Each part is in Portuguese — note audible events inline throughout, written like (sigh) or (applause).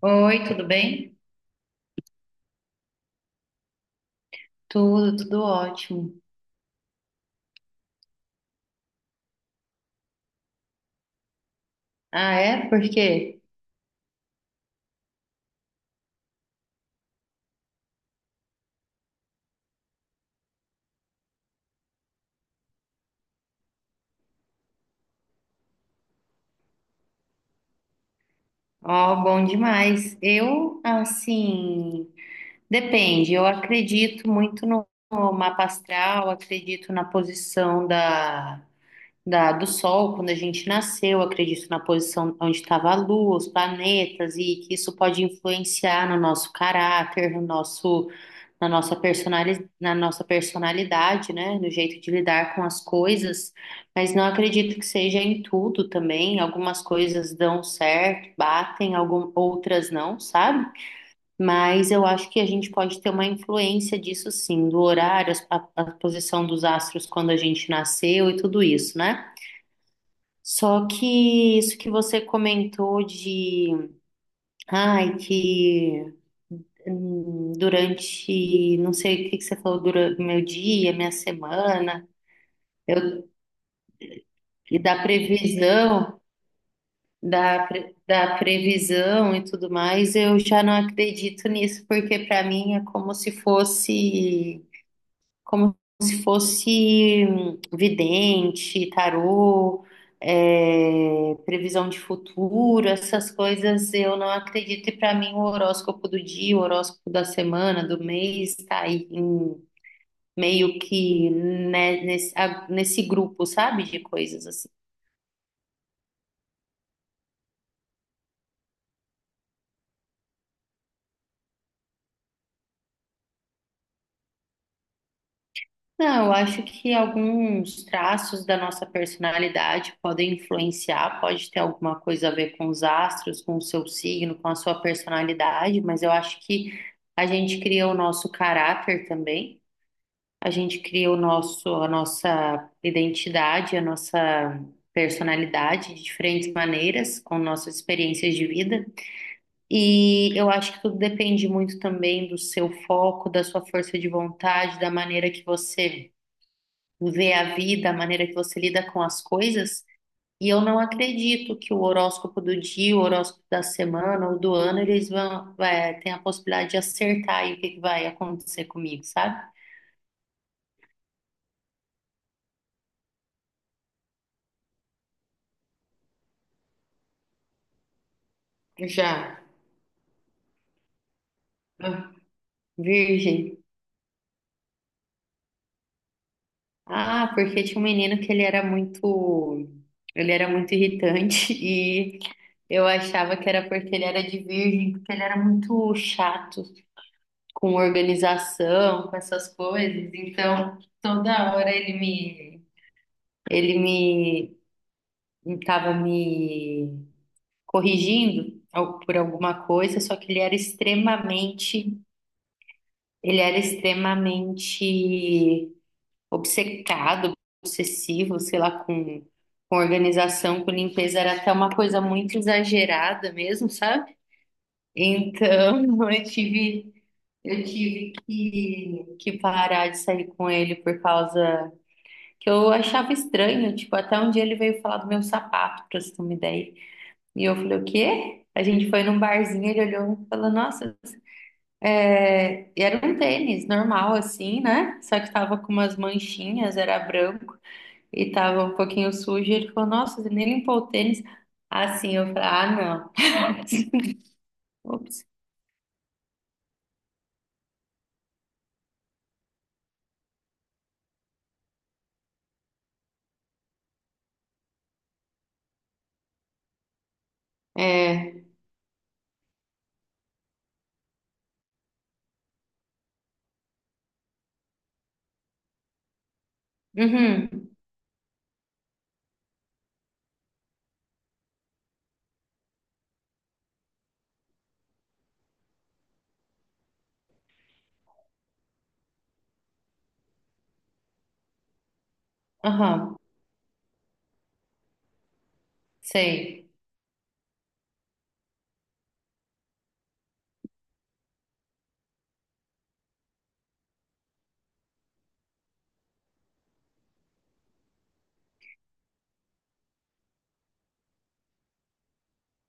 Oi, tudo bem? Tudo, tudo ótimo. Ah, é? Por quê? Ó, bom demais. Eu, assim, depende. Eu acredito muito no mapa astral, acredito na posição do Sol, quando a gente nasceu, acredito na posição onde estava a Lua, os planetas, e que isso pode influenciar no nosso caráter, no nosso, na nossa personali, na nossa personalidade, né? No jeito de lidar com as coisas, mas não acredito que seja em tudo também. Algumas coisas dão certo, batem, outras não, sabe? Mas eu acho que a gente pode ter uma influência disso sim, do horário, a posição dos astros quando a gente nasceu e tudo isso, né? Só que isso que você comentou de, ai, que durante, não sei o que que você falou, durante meu dia, minha semana, eu, e da previsão, da previsão e tudo mais, eu já não acredito nisso, porque para mim é como se fosse vidente, tarô, é, previsão de futuro, essas coisas eu não acredito. E para mim, o horóscopo do dia, o horóscopo da semana, do mês, está aí meio que né, nesse grupo, sabe, de coisas assim. Não, eu acho que alguns traços da nossa personalidade podem influenciar, pode ter alguma coisa a ver com os astros, com o seu signo, com a sua personalidade, mas eu acho que a gente cria o nosso caráter também, a gente cria a nossa identidade, a nossa personalidade de diferentes maneiras, com nossas experiências de vida. E eu acho que tudo depende muito também do seu foco, da sua força de vontade, da maneira que você ver a vida, a maneira que você lida com as coisas. E eu não acredito que o horóscopo do dia, o horóscopo da semana ou do ano, eles vão, tem a possibilidade de acertar aí o que que vai acontecer comigo, sabe? Já. Ah, Virgem. Ah, porque tinha um menino que ele era muito irritante (laughs) e eu achava que era porque ele era de virgem, porque ele era muito chato, com organização, com essas coisas. Então, toda hora ele me estava me corrigindo por alguma coisa, só que ele era extremamente obcecado, obsessivo, sei lá, com organização, com limpeza, era até uma coisa muito exagerada mesmo, sabe? Então, (laughs) eu tive, eu tive que parar de sair com ele por causa que eu achava estranho. Tipo, até um dia ele veio falar do meu sapato, pra você ter uma ideia. E eu falei, o quê? A gente foi num barzinho, ele olhou e falou, nossa, e era um tênis normal, assim, né? Só que tava com umas manchinhas, era branco e tava um pouquinho sujo. Ele falou, nossa, você nem limpou o tênis. Assim, eu falei, ah, não. (laughs) Ops. É. Uhum. Aham, sei.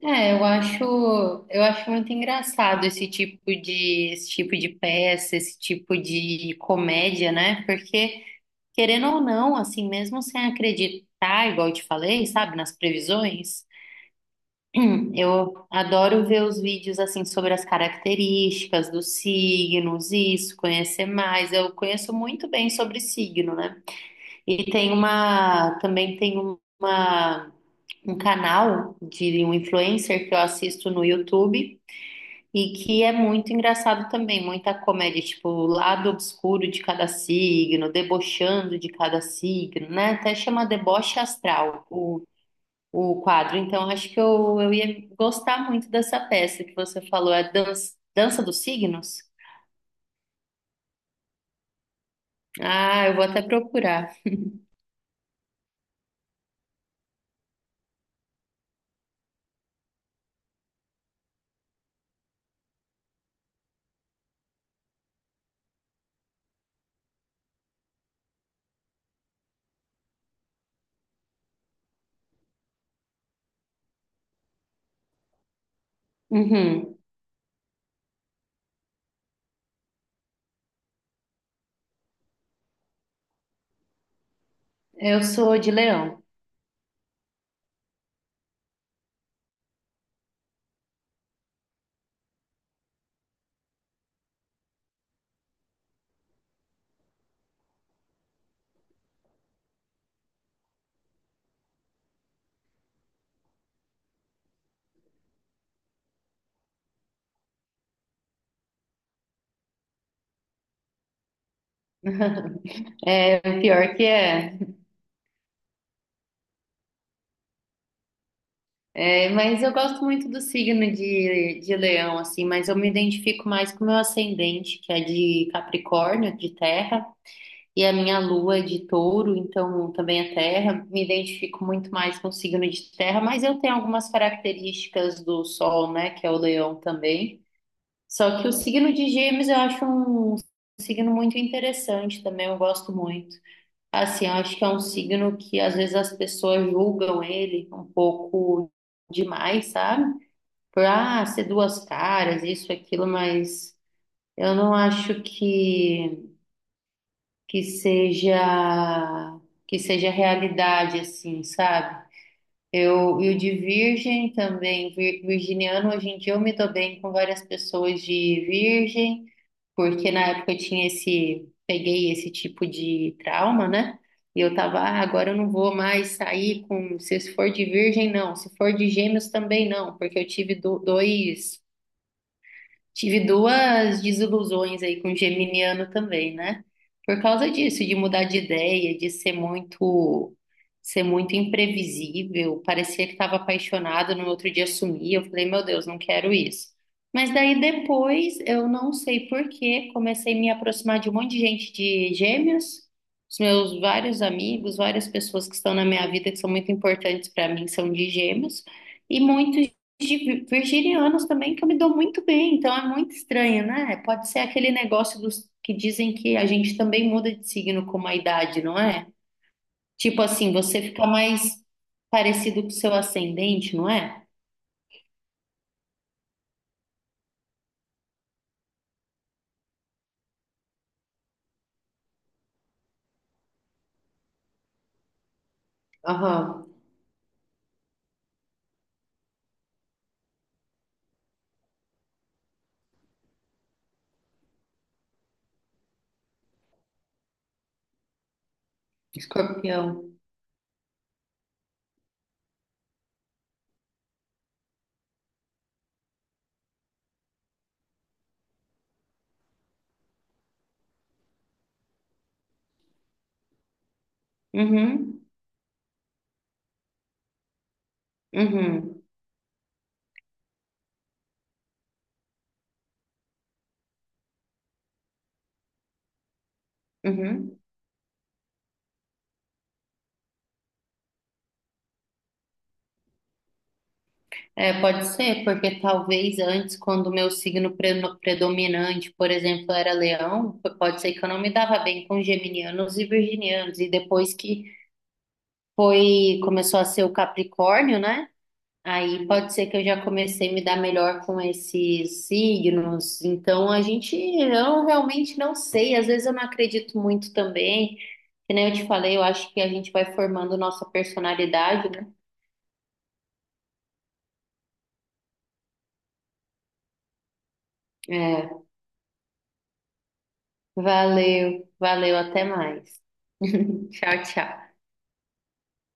É, eu acho muito engraçado esse tipo de peça, esse tipo de comédia, né? Porque, querendo ou não, assim, mesmo sem acreditar, igual eu te falei, sabe, nas previsões, (clears throat) eu adoro ver os vídeos, assim, sobre as características dos signos, isso, conhecer mais. Eu conheço muito bem sobre signo, né? E tem uma, também tem uma. Um canal de um influencer que eu assisto no YouTube e que é muito engraçado também, muita comédia, tipo, o lado obscuro de cada signo, debochando de cada signo, né? Até chama deboche astral o quadro. Então, acho que eu ia gostar muito dessa peça que você falou, é dança dos signos? Ah, eu vou até procurar. Uhum. Eu sou de leão. É, o pior que é. É, mas eu gosto muito do signo de leão, assim, mas eu me identifico mais com o meu ascendente, que é de Capricórnio, de terra, e a minha lua é de touro, então também é terra. Me identifico muito mais com o signo de terra, mas eu tenho algumas características do sol, né, que é o leão também. Só que o signo de Gêmeos eu acho um signo muito interessante também, eu gosto muito. Assim, eu acho que é um signo que às vezes as pessoas julgam ele um pouco demais, sabe? Por ser duas caras, isso, aquilo, mas eu não acho que seja que seja realidade, assim, sabe? E o de virgem também, virginiano, hoje em dia eu me dou bem com várias pessoas de virgem, porque na época eu tinha peguei esse tipo de trauma, né? E eu tava, agora eu não vou mais sair com, se for de virgem, não, se for de gêmeos também não, porque eu tive dois. Tive duas desilusões aí com o geminiano também, né? Por causa disso, de mudar de ideia, de ser muito imprevisível, parecia que estava apaixonado, no outro dia sumia. Eu falei, meu Deus, não quero isso. Mas daí depois, eu não sei por quê, comecei a me aproximar de um monte de gente de Gêmeos, os meus vários amigos, várias pessoas que estão na minha vida que são muito importantes para mim são de Gêmeos. E muitos de virginianos também que eu me dou muito bem, então é muito estranho, né? Pode ser aquele negócio dos que dizem que a gente também muda de signo com a idade, não é? Tipo assim, você fica mais parecido com o seu ascendente, não é? Aham, Escorpião. Uhum, uhum, uhum. É, pode ser, porque talvez antes, quando o meu signo predominante, por exemplo, era leão, pode ser que eu não me dava bem com geminianos e virginianos, e depois que começou a ser o Capricórnio, né? Aí pode ser que eu já comecei a me dar melhor com esses signos. Então eu realmente não sei. Às vezes eu não acredito muito também. Que nem eu te falei, eu acho que a gente vai formando nossa personalidade, né? É, valeu, valeu, até mais. (laughs) Tchau, tchau.